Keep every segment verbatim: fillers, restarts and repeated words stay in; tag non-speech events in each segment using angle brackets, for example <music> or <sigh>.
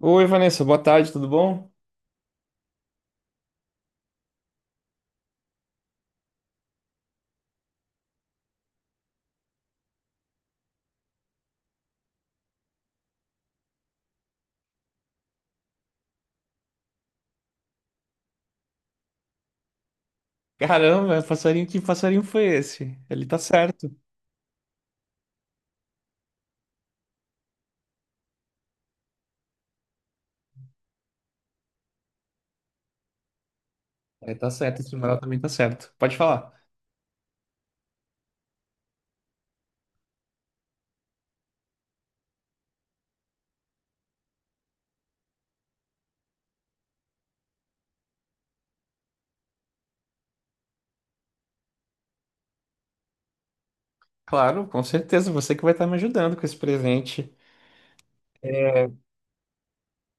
Oi, Vanessa, boa tarde, tudo bom? Caramba, passarinho, que passarinho foi esse? Ele tá certo. Ele tá certo, esse numeral também tá certo. Pode falar. Claro, com certeza, você que vai estar me ajudando com esse presente.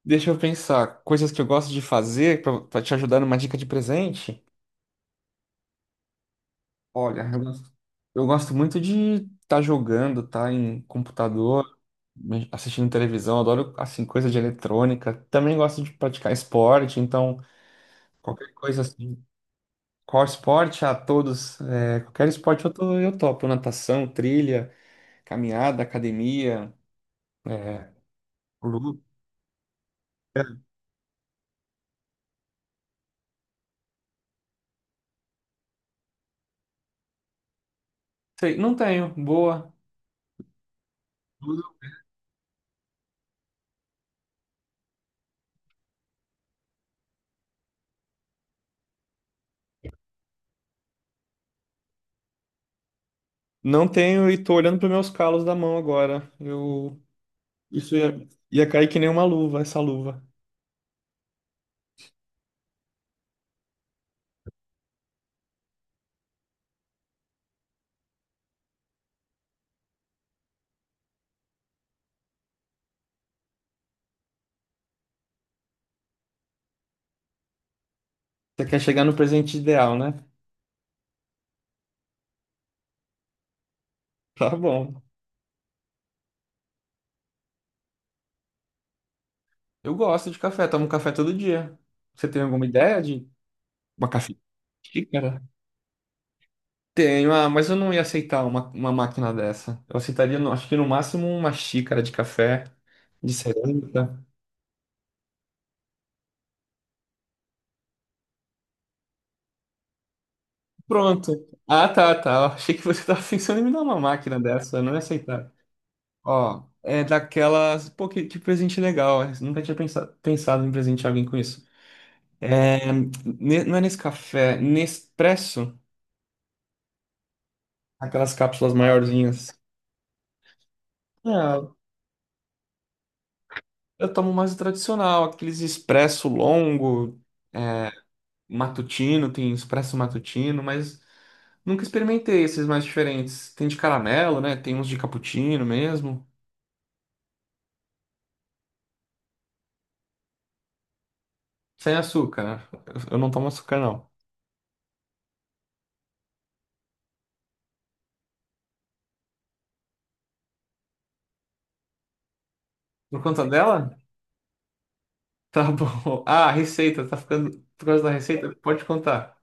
Deixa eu pensar, coisas que eu gosto de fazer pra pra te ajudar numa dica de presente. Olha, eu gosto, eu gosto muito de estar jogando, tá em computador, assistindo televisão, adoro assim coisa de eletrônica. Também gosto de praticar esporte, então qualquer coisa assim. Qual esporte? A todos. é, qualquer esporte eu, tô, eu topo. Natação, trilha, caminhada, academia, é, luta. Sei, não tenho. Boa. Não tenho e tô olhando para meus calos da mão agora. Eu Isso ia, ia cair que nem uma luva, essa luva. Você quer chegar no presente ideal, né? <laughs> Tá bom. Eu gosto de café, tomo café todo dia. Você tem alguma ideia de uma café? Tenho, ah, mas eu não ia aceitar uma, uma máquina dessa. Eu aceitaria, no- acho que no máximo uma xícara de café, de cerâmica. Pronto. Ah, tá, tá. Eu achei que você <laughs> estava pensando em me dar uma máquina dessa. Eu não ia aceitar. Ó, é daquelas. Pô, que, que presente legal. Eu nunca tinha pensado, pensado em presentear alguém com isso. É, ne- não é nesse café, Nespresso, aquelas cápsulas maiorzinhas. Ah, eu tomo mais o tradicional, aqueles expresso longo, matutino, tem expresso matutino, mas nunca experimentei esses mais diferentes. Tem de caramelo, né? Tem uns de cappuccino mesmo. Sem açúcar, né? Eu não tomo açúcar, não. Por conta dela? Tá bom. <laughs> Ah, a receita, tá ficando. Por causa da receita? Pode contar.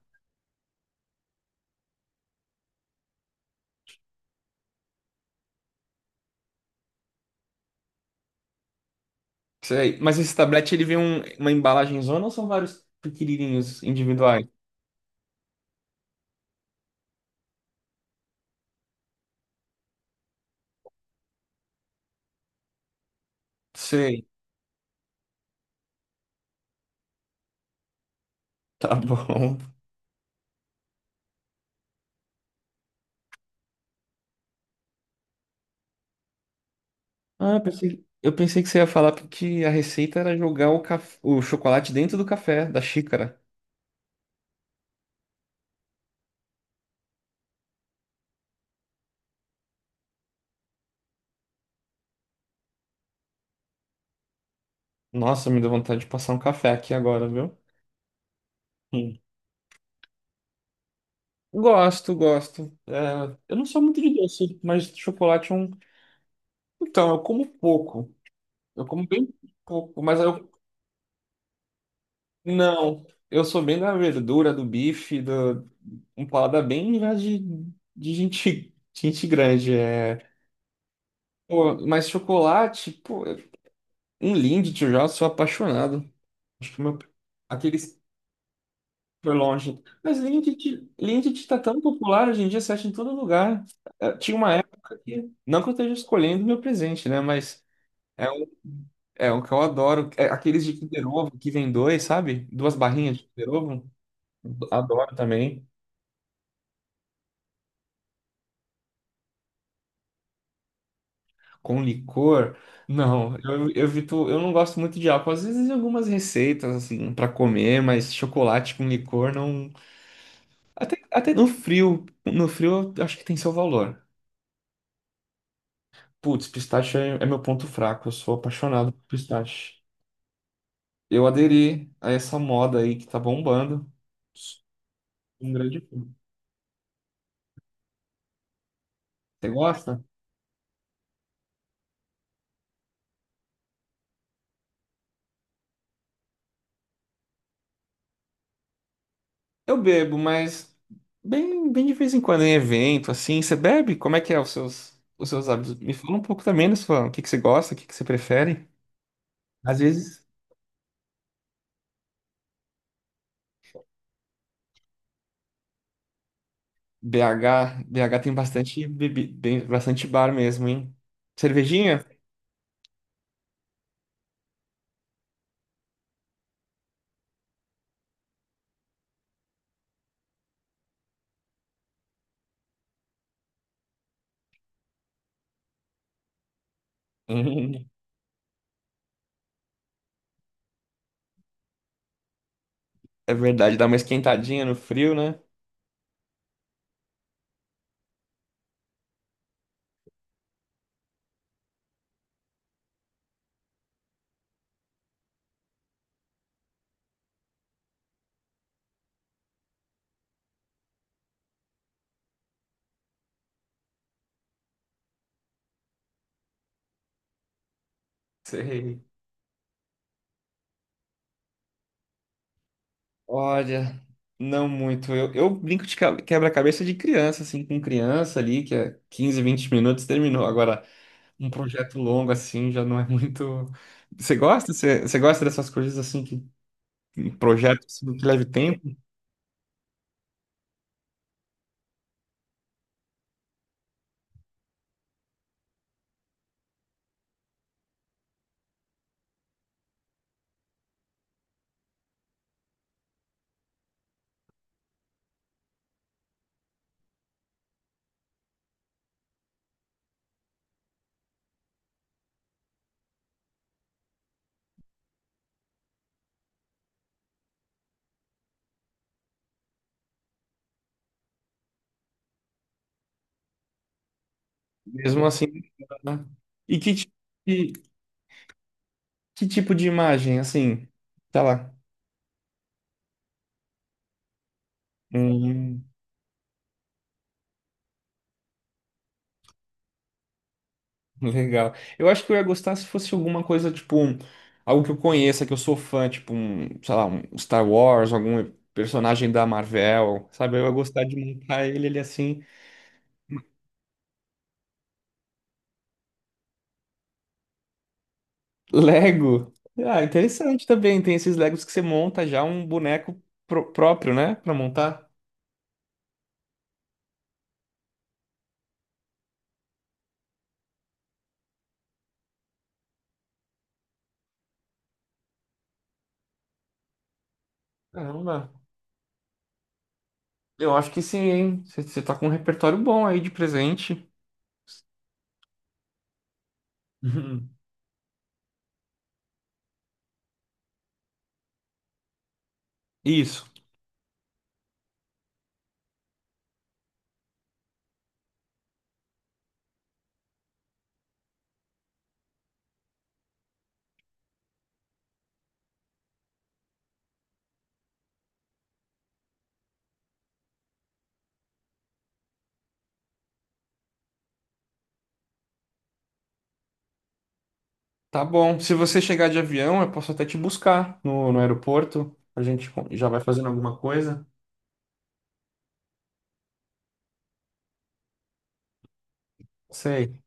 Isso aí. Mas esse tablete, ele vem um- uma embalagem zona ou são vários pequenininhos individuais? Sei. Tá <laughs> bom. Ah, eu pensei... eu pensei que você ia falar porque a receita era jogar o, caf... o chocolate dentro do café, da xícara. Nossa, me deu vontade de passar um café aqui agora, viu? Hum. Gosto, gosto. É, eu não sou muito de doce, mas chocolate é um. Então, eu como pouco. Eu como bem pouco, mas eu... Não. Eu sou bem da verdura, do bife, do... um paladar bem já de, de gente, <laughs> gente grande. É... Pô, mas chocolate, pô, um Lindt, eu já sou apaixonado. Acho que o meu... aquele... foi longe. Mas Linked, Linked tá tão popular hoje em dia, você acha em todo lugar. Eh, Tinha uma época que, não que eu esteja escolhendo meu presente, né? Mas é um, é um que eu adoro. É aqueles de Kinder Ovo que vem dois, sabe? Duas barrinhas de Kinder Ovo. Adoro também. Com licor. Não, eu, eu evito, eu não gosto muito de álcool. Às vezes em algumas receitas, assim, para comer, mas chocolate com licor não. Até, até no frio. No frio, eu acho que tem seu valor. Putz, pistache é, é meu ponto fraco. Eu sou apaixonado por pistache. Eu aderi a essa moda aí que tá bombando. Sou um grande fã. Você gosta? Eu bebo, mas bem, bem de vez em quando em evento, assim. Você bebe? Como é que é os seus, os seus hábitos? Me fala um pouco também da sua, o que que você gosta, o que que você prefere? Às vezes, BH, B H tem bastante bebi, bem- bastante bar mesmo, hein? Cervejinha? Hum, é verdade, dá uma esquentadinha no frio, né? Sei. Olha, não muito. Eu, eu brinco de ca- quebra-cabeça de criança, assim, com criança ali, que é quinze, vinte minutos, terminou. Agora, um projeto longo, assim, já não é muito. Você gosta? Você, você gosta dessas coisas, assim, que um projeto assim, que leve tempo? Mesmo assim. Né? E que, ti- e que tipo de imagem, assim, sei lá, um... legal. Eu acho que eu ia gostar se fosse alguma coisa, tipo, um- algo que eu conheça, que eu sou fã, tipo, um, sei lá, um Star Wars, algum personagem da Marvel, sabe? Eu ia gostar de montar ele, ele assim. Lego. Ah, interessante também. Tem esses Legos que você monta já um boneco pró- próprio, né? Pra montar. Caramba. Eu acho que sim, hein? Você você tá com um repertório bom aí de presente. <laughs> Uhum. Isso. Tá bom. Se você chegar de avião, eu posso até te buscar no, no aeroporto. A gente co- já vai fazendo alguma coisa. Sei.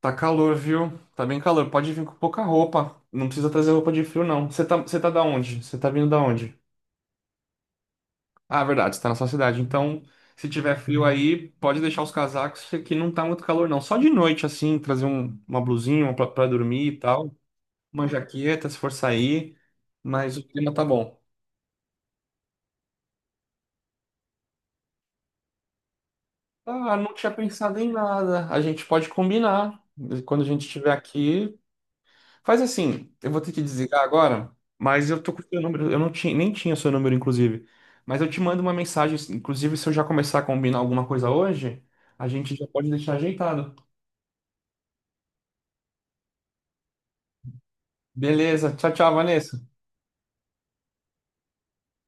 Tá calor, viu? Tá bem calor. Pode vir com pouca roupa. Não precisa trazer roupa de frio, não. Você tá, você tá da onde? Você tá vindo da onde? Ah, verdade, você tá na sua cidade. Então, se tiver frio aí, pode deixar os casacos, que aqui não tá muito calor, não. Só de noite, assim, trazer um- uma blusinha uma pra, pra dormir e tal. Uma jaqueta, se for sair. Mas o clima tá bom. Ah, não tinha pensado em nada. A gente pode combinar. Quando a gente estiver aqui. Faz assim, eu vou ter que desligar agora, mas eu tô com o seu número. Eu não tinha, nem tinha seu número, inclusive. Mas eu te mando uma mensagem. Inclusive, se eu já começar a combinar alguma coisa hoje, a gente já pode deixar ajeitado. Beleza. Tchau, tchau, Vanessa.